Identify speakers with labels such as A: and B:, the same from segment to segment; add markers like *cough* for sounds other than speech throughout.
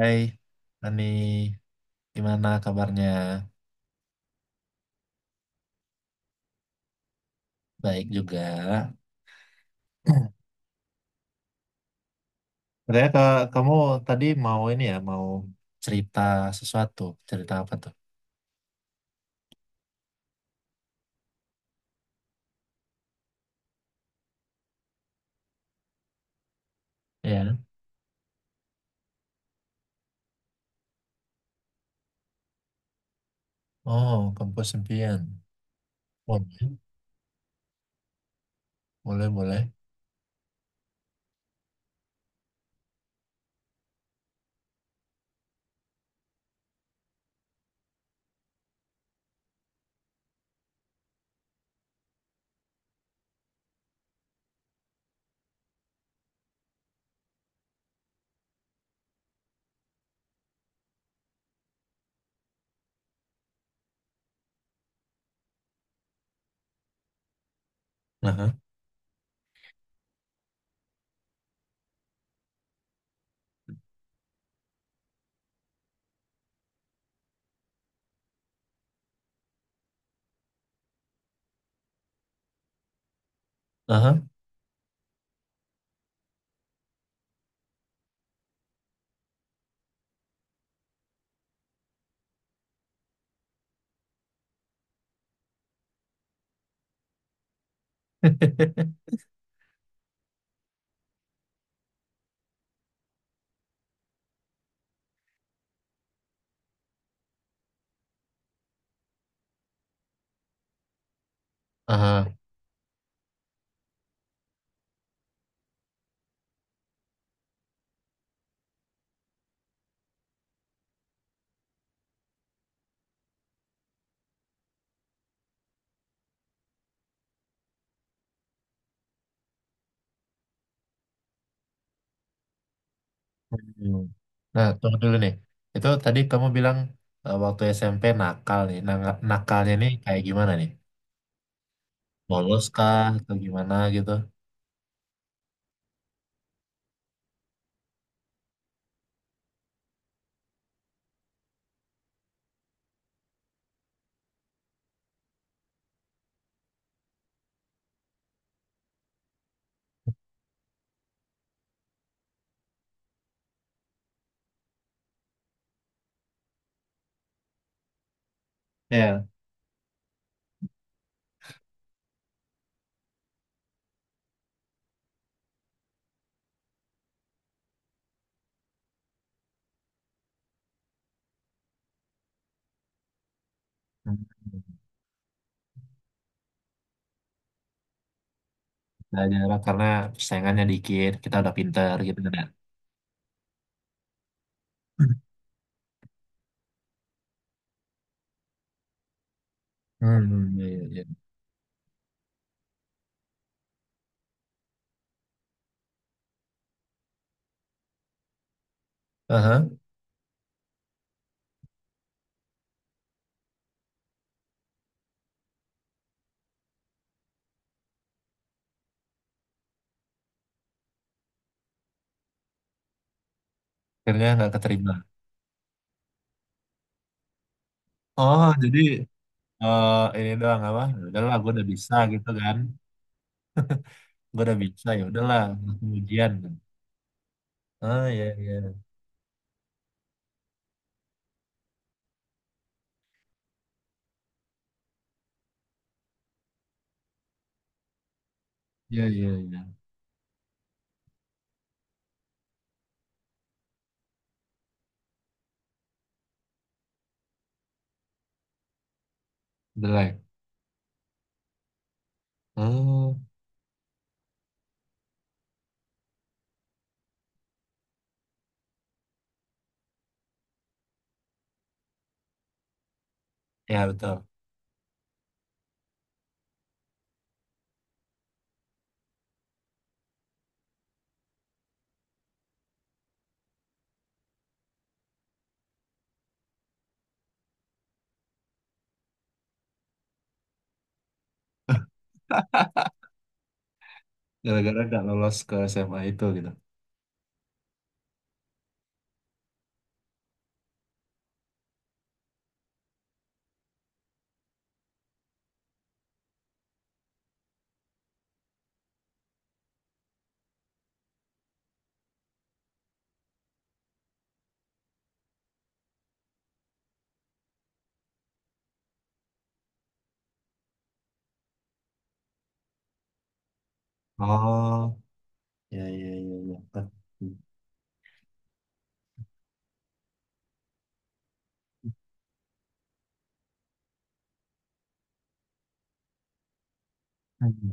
A: Hai, Ani, gimana kabarnya? Baik juga. *clears throat* Katanya ke kamu tadi mau ini ya, mau cerita sesuatu. Cerita apa tuh? Ya. Oh, kampus impian. Boleh, boleh, boleh. Aha, aha, *laughs* aha. Hmm. Nah, tunggu dulu nih. Itu tadi kamu bilang waktu SMP nakal nih. Nah, nakalnya nih kayak gimana nih? Bolos kah atau gimana gitu? Ya. Nah, jarak karena persaingannya dikit, kita udah pinter gitu kan. Ya. Hmm, iya, iya, iya. Aha. Akhirnya nggak keterima. Oh, jadi eh, ini doang apa? Ya udahlah, gue udah bisa gitu kan. Gue udah bisa, ya udahlah. Langsung ujian. Ah, iya, iya. Iya, iya, iya. Udah lah. Oh, ya betul. Gara-gara nggak lolos ke SMA itu gitu. Oh, iya, iya, iya, iya. Hmm.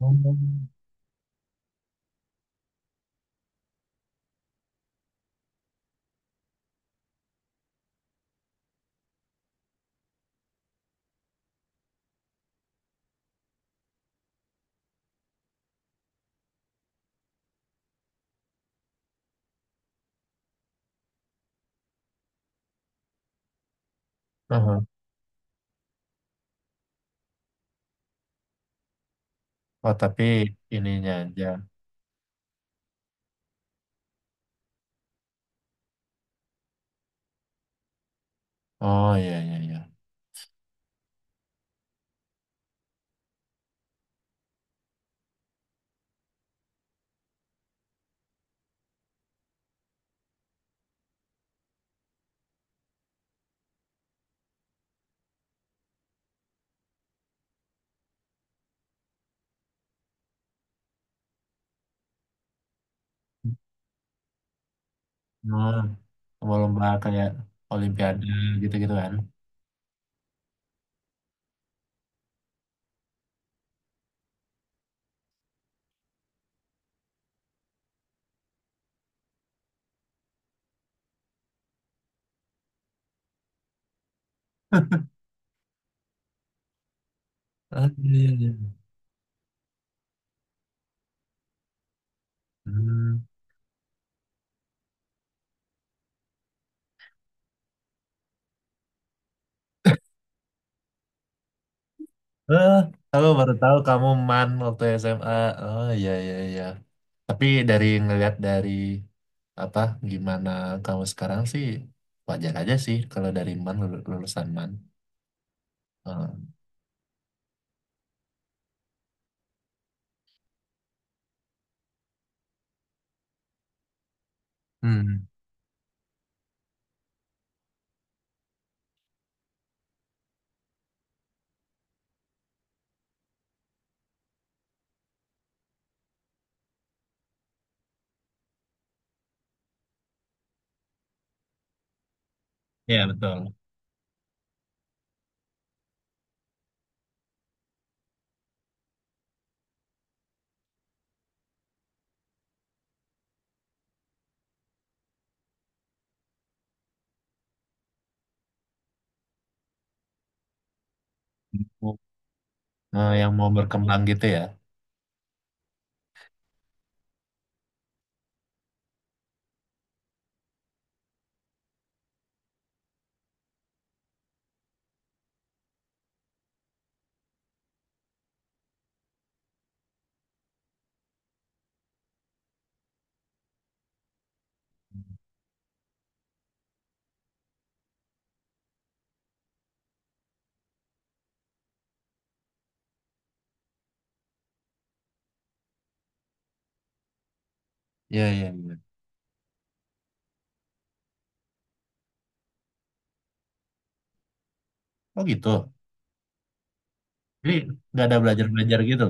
A: Oh. Aha. Oh, tapi ininya aja. Oh, iya, iya, iya. Nah, lomba-lomba kayak Olimpiade gitu-gitu kan. *laughs* Oh, iya, iya, iya. Hmm. Eh, Tahu baru tahu kamu man waktu SMA. Oh, iya, iya, iya. Tapi dari ngelihat dari apa, gimana kamu sekarang sih, wajar aja sih kalau dari man lulusan man. Oh. Hmm. Iya, betul. Eh, yang mau berkembang gitu ya. Iya, iya, iya. Oh, gitu. Jadi nggak ada belajar-belajar gitu.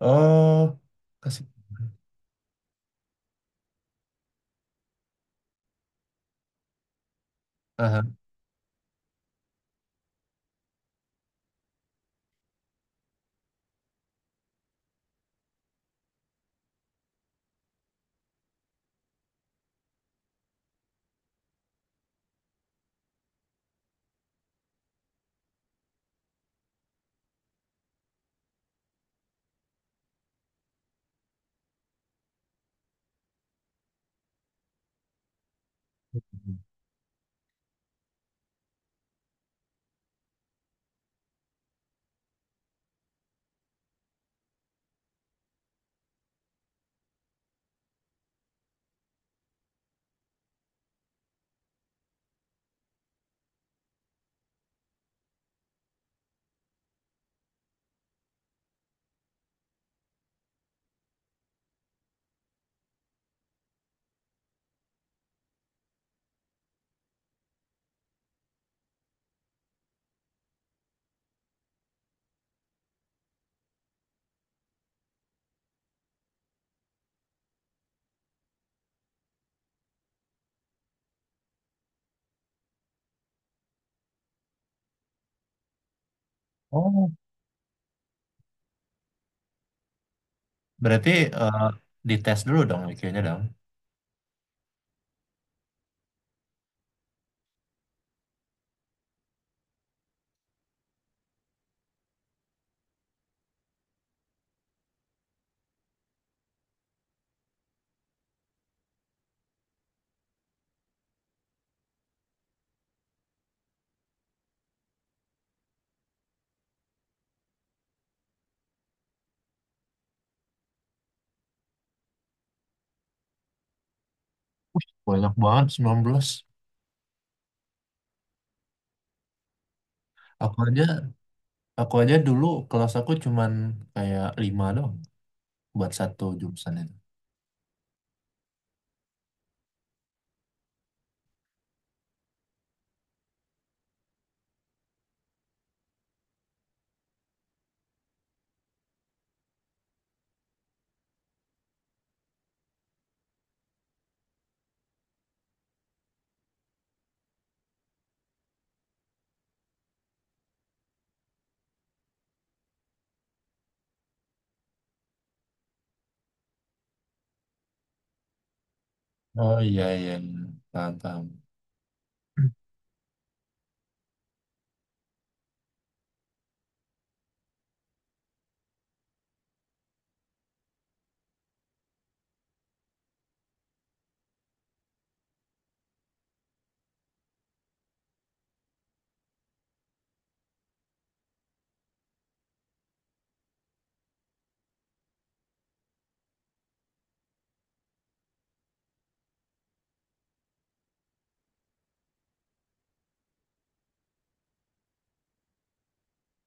A: Oh, kasih. Aha. Oh, berarti eh, dites dulu dong iq dong. Banyak banget 19. Aku aja aku aja dulu kelas aku cuman kayak 5 dong buat satu jurusan itu. Oh, iya, iya, iya. Paham, paham. *laughs*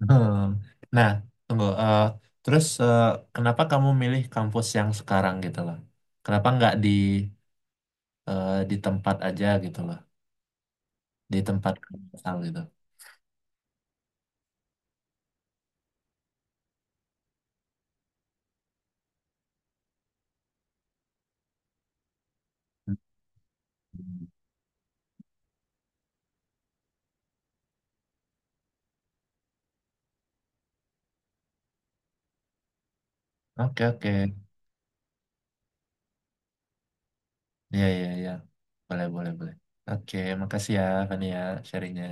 A: Hmm. Nah, tunggu. Terus kenapa kamu milih kampus yang sekarang gitu loh? Kenapa nggak di di tempat aja gitu loh? Di tempat asal gitu. Hmm. Oke, oke. Iya, iya, iya. Boleh, boleh, boleh. Oke, makasih ya, Fani ya, sharingnya.